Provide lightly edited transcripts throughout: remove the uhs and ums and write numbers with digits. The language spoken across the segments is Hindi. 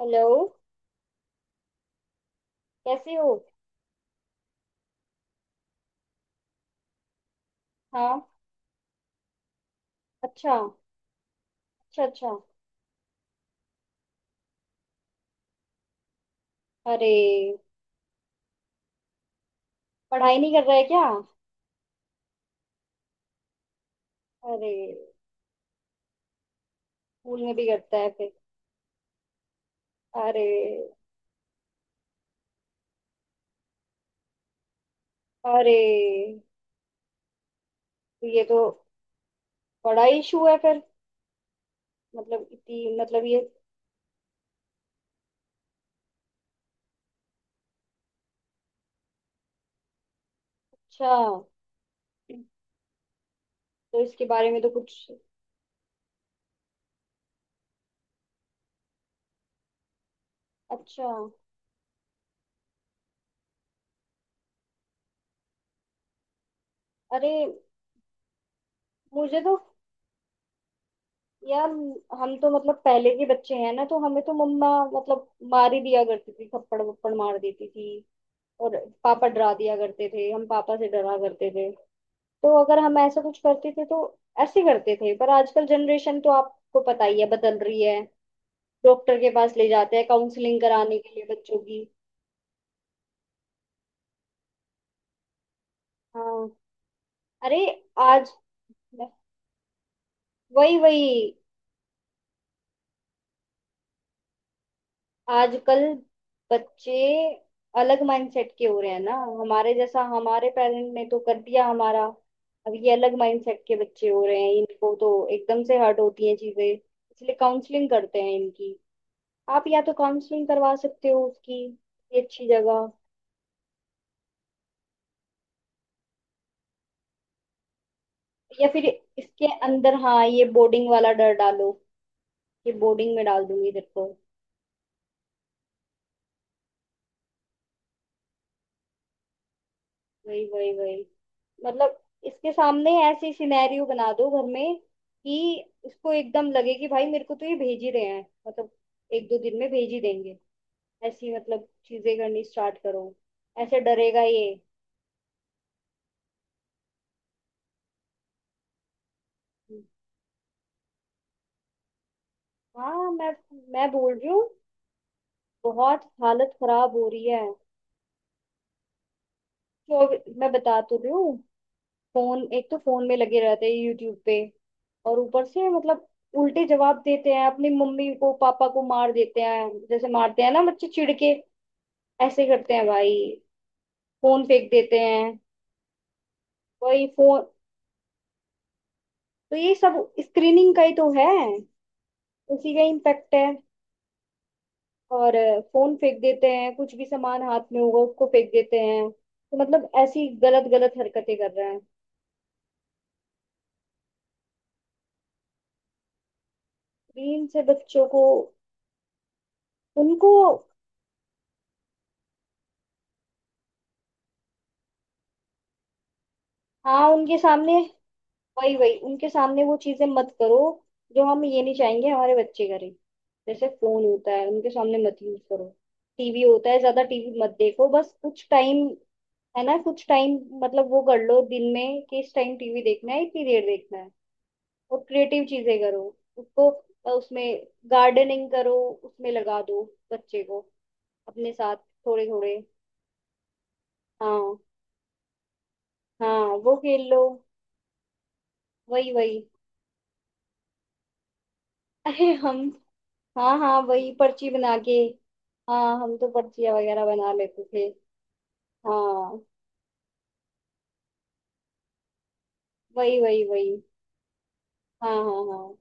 हेलो। कैसे हो? हाँ। अच्छा। अच्छा। अच्छा। अरे, पढ़ाई नहीं कर रहा है क्या? अरे, स्कूल में भी करता है फिर? अरे। अरे, तो ये तो बड़ा इशू है फिर। मतलब इतनी, मतलब ये। अच्छा, तो इसके बारे में तो कुछ। अच्छा। अरे, मुझे तो यार, हम तो मतलब पहले के बच्चे हैं ना, तो हमें तो मम्मा मतलब मार ही दिया करती थी, थप्पड़ वप्पड़ मार देती थी। और पापा डरा दिया करते थे, हम पापा से डरा करते थे। तो अगर हम ऐसा कुछ करते थे तो ऐसे करते थे। पर आजकल जनरेशन तो आपको पता ही है, बदल रही है। डॉक्टर के पास ले जाते हैं, काउंसलिंग कराने के लिए बच्चों की। हाँ। अरे। आज। वही वही। आजकल बच्चे अलग माइंडसेट के हो रहे हैं ना। हमारे जैसा हमारे पेरेंट ने तो कर दिया हमारा। अब ये अलग माइंडसेट के बच्चे हो रहे हैं, इनको तो एकदम से हर्ट होती हैं चीजें, इसलिए काउंसलिंग करते हैं इनकी। आप या तो काउंसलिंग करवा सकते हो उसकी। ये अच्छी जगह। या फिर इसके अंदर, हाँ, ये बोर्डिंग वाला डर डालो। ये बोर्डिंग में डाल दूंगी तेरे को। वही वही वही। मतलब इसके सामने ऐसी सिनेरियो बना दो घर में कि इसको एकदम लगे कि भाई मेरे को तो ये भेज ही रहे हैं, मतलब एक दो दिन में भेज ही देंगे। ऐसी मतलब चीजें करनी स्टार्ट करो। ऐसे डरेगा ये। हाँ। मैं बोल रही हूँ, बहुत हालत खराब हो रही है। चौबीस मैं बता तो रही हूँ। फोन, एक तो फोन में लगे रहते हैं यूट्यूब पे, और ऊपर से मतलब उल्टे जवाब देते हैं अपनी मम्मी को, पापा को मार देते हैं, जैसे मारते हैं ना बच्चे चिढ़ के, ऐसे करते हैं भाई। फोन फेंक देते हैं। वही फोन, तो ये सब स्क्रीनिंग का ही तो है, उसी का इम्पेक्ट है। और फोन फेंक देते हैं, कुछ भी सामान हाथ में होगा उसको फेंक देते हैं, तो मतलब ऐसी गलत गलत हरकतें कर रहे हैं। स्क्रीन से बच्चों को उनको, हाँ, उनके सामने, वही वही, उनके सामने वो चीजें मत करो जो हम ये नहीं चाहेंगे हमारे बच्चे करें। जैसे फोन होता है उनके सामने मत यूज करो, टीवी होता है ज्यादा टीवी मत देखो, बस कुछ टाइम, है ना, कुछ टाइम। मतलब वो कर लो दिन में कि इस टाइम टीवी देखना है, इतनी देर देखना है। और क्रिएटिव चीजें करो उसको, उसमें गार्डनिंग करो, उसमें लगा दो बच्चे को अपने साथ। थोड़े थोड़े। हाँ हाँ। वो खेल लो। वही वही। अरे हम। हाँ हाँ वही, पर्ची बना के। हाँ, हम तो पर्चियाँ वगैरह बना लेते थे। हाँ वही वही वही। हाँ हाँ हाँ।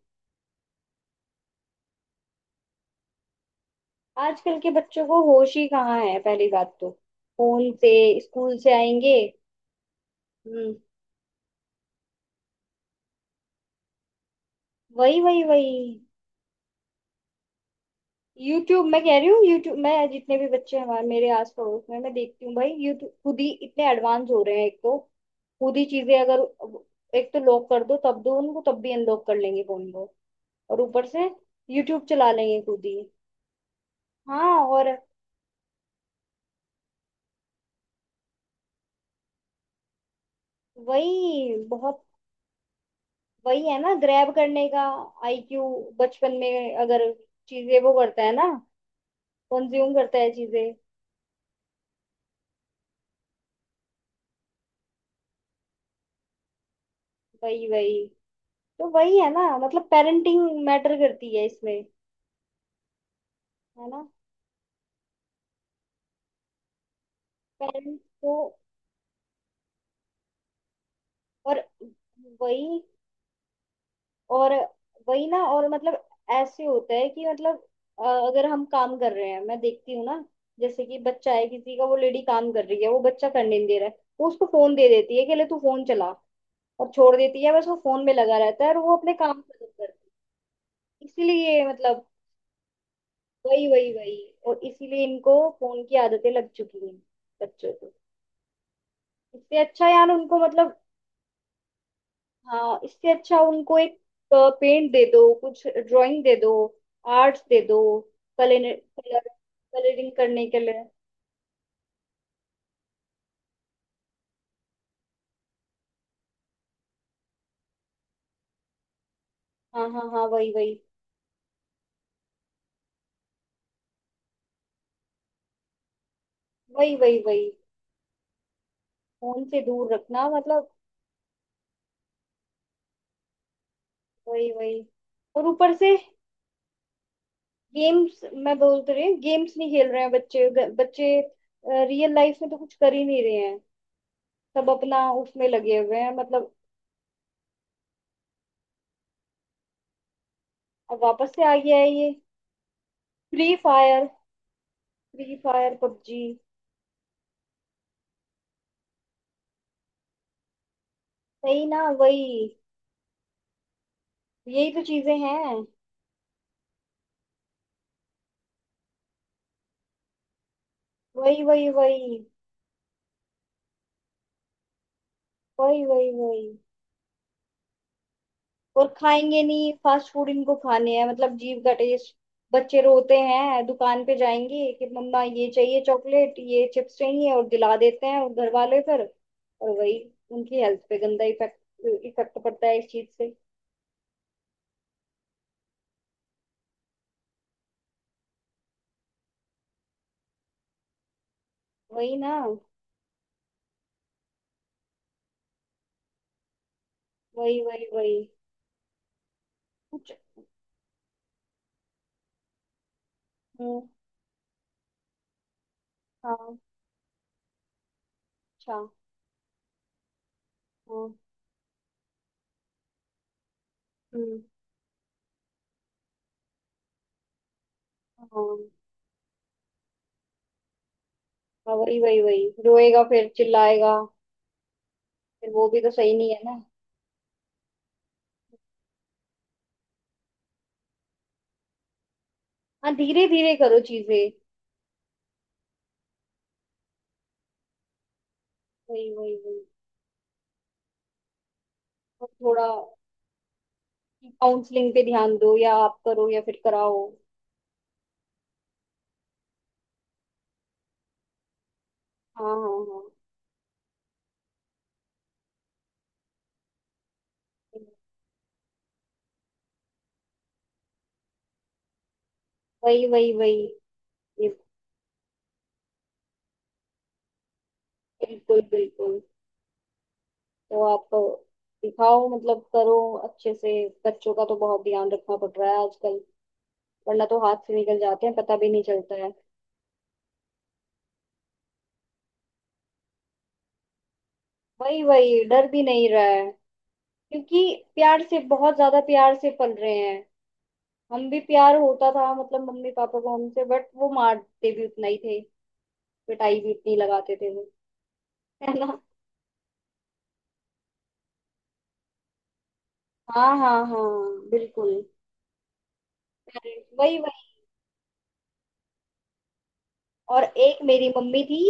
आजकल के बच्चों को होश ही कहाँ है पहली बात तो। फोन से स्कूल से आएंगे। हम्म। वही वही वही। यूट्यूब, मैं कह रही हूँ, यूट्यूब मैं जितने भी बच्चे हमारे मेरे आस पड़ोस में मैं देखती हूँ भाई, यूट्यूब खुद ही इतने एडवांस हो रहे हैं एक तो। खुद ही चीजें अगर, एक तो लॉक कर दो तब दो उनको, तब भी अनलॉक कर लेंगे फोन को। और ऊपर से यूट्यूब चला लेंगे खुद ही। हाँ। और वही बहुत। वही है ना ग्रैब करने का आईक्यू। बचपन में अगर चीजें वो करता है ना, कंज्यूम करता है चीजें। वही वही। तो वही है ना मतलब पेरेंटिंग मैटर करती है इसमें। है ना? पेरेंट्स को, और वही, और वही ना, और मतलब ऐसे होता है कि मतलब, अगर हम काम कर रहे हैं मैं देखती हूँ ना, जैसे कि बच्चा है किसी का, वो लेडी काम कर रही है, वो बच्चा करने नहीं दे रहा है, वो उसको फोन दे देती है कि ले तू फोन चला, और छोड़ देती है, बस वो फोन में लगा रहता है और वो अपने काम खत्म करती है, इसीलिए मतलब, वही वही वही। और इसीलिए इनको फोन की आदतें लग चुकी हैं बच्चों को। इससे अच्छा यार उनको मतलब, हाँ, इससे अच्छा उनको एक पेंट दे दो, कुछ ड्राइंग दे दो, आर्ट्स दे दो, कलर कलरिंग करने के लिए। हाँ हाँ हाँ। वही वही वही, वही वही, फोन से दूर रखना मतलब। वही वही। और ऊपर से गेम्स, मैं बोल तो रही हूँ गेम्स नहीं खेल रहे हैं बच्चे, बच्चे रियल लाइफ में तो कुछ कर ही नहीं रहे हैं, सब अपना उसमें लगे हुए हैं, मतलब। अब वापस से आ गया है ये Free Fire. Free Fire PUBG. सही ना, वही। यही तो चीजें हैं। वही वही वही, वही वही वही। और खाएंगे नहीं फास्ट फूड, इनको खाने हैं मतलब जीभ का टेस्ट। बच्चे रोते हैं दुकान पे जाएंगे कि मम्मा ये चाहिए चॉकलेट, ये चिप्स चाहिए, और दिला देते हैं, और घर वाले फिर। और वही उनकी हेल्थ पे गंदा इफेक्ट इफेक्ट पड़ता है इस चीज से। वही ना। वही वही वही कुछ। हम्म, हाँ, अच्छा, हाँ, हम्म, हाँ, हाँ, वही वही वही, रोएगा फिर चिल्लाएगा। फिर वो भी तो सही नहीं है ना। हाँ, धीरे धीरे करो चीजें। वही वही वही। और थोड़ा काउंसलिंग पे ध्यान दो, या आप करो या फिर कराओ। हाँ हाँ हाँ। वही वही वही। ये। बिल्कुल बिल्कुल। तो आप दिखाओ मतलब करो अच्छे से। बच्चों का तो बहुत ध्यान रखना पड़ रहा है आजकल, वरना तो हाथ से निकल जाते हैं पता भी नहीं चलता है। वही वही, डर भी नहीं रहा है क्योंकि प्यार से, बहुत ज्यादा प्यार से पल रहे हैं। हम भी प्यार होता था मतलब मम्मी पापा को हमसे, बट वो मारते भी उतना ही थे, पिटाई भी उतनी लगाते थे वो। है ना। हाँ हाँ हाँ। बिल्कुल। पेरेंट्स, वही वही। और एक मेरी मम्मी थी,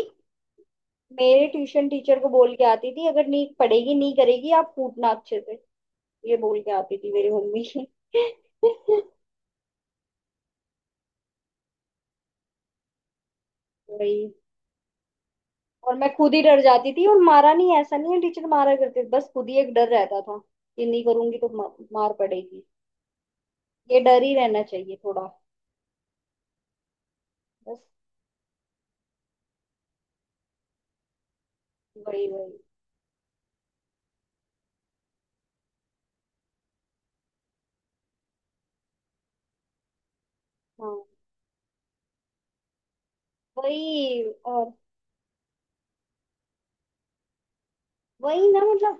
मेरे ट्यूशन टीचर को बोल के आती थी अगर नहीं पढ़ेगी नहीं करेगी आप कूटना अच्छे से। ये बोल के आती थी मेरी मम्मी। वही। और मैं खुद ही डर जाती थी, और मारा नहीं ऐसा नहीं है, टीचर मारा करते थे, बस खुद ही एक डर रहता था कि नहीं करूंगी तो मार पड़ेगी। ये डर ही रहना चाहिए थोड़ा। बस वही वही। हाँ, वही, और वही ना मतलब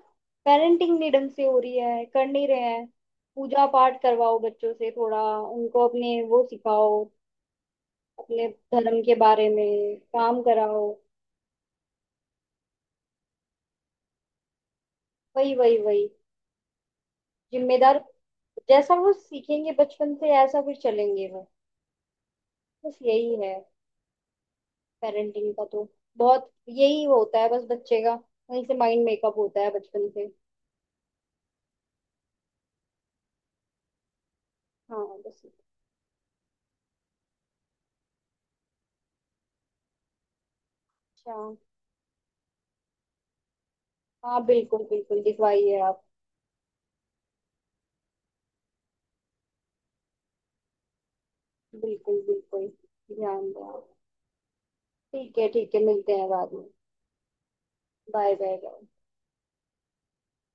पेरेंटिंग नहीं ढंग से हो रही है, कर नहीं रहे हैं। पूजा पाठ करवाओ बच्चों से, थोड़ा उनको अपने वो सिखाओ, अपने धर्म के बारे में काम कराओ। वही वही वही जिम्मेदार, जैसा वो सीखेंगे बचपन से ऐसा फिर चलेंगे वो। बस यही है पेरेंटिंग का तो, बहुत यही होता है बस बच्चे का, वहीं से माइंड मेकअप होता है बचपन से। हाँ बस। अच्छा। हाँ बिल्कुल बिल्कुल दिखवाइए आप। बिल्कुल बिल्कुल ध्यान दें आप। ठीक है मिलते हैं बाद में। Bye bye bye.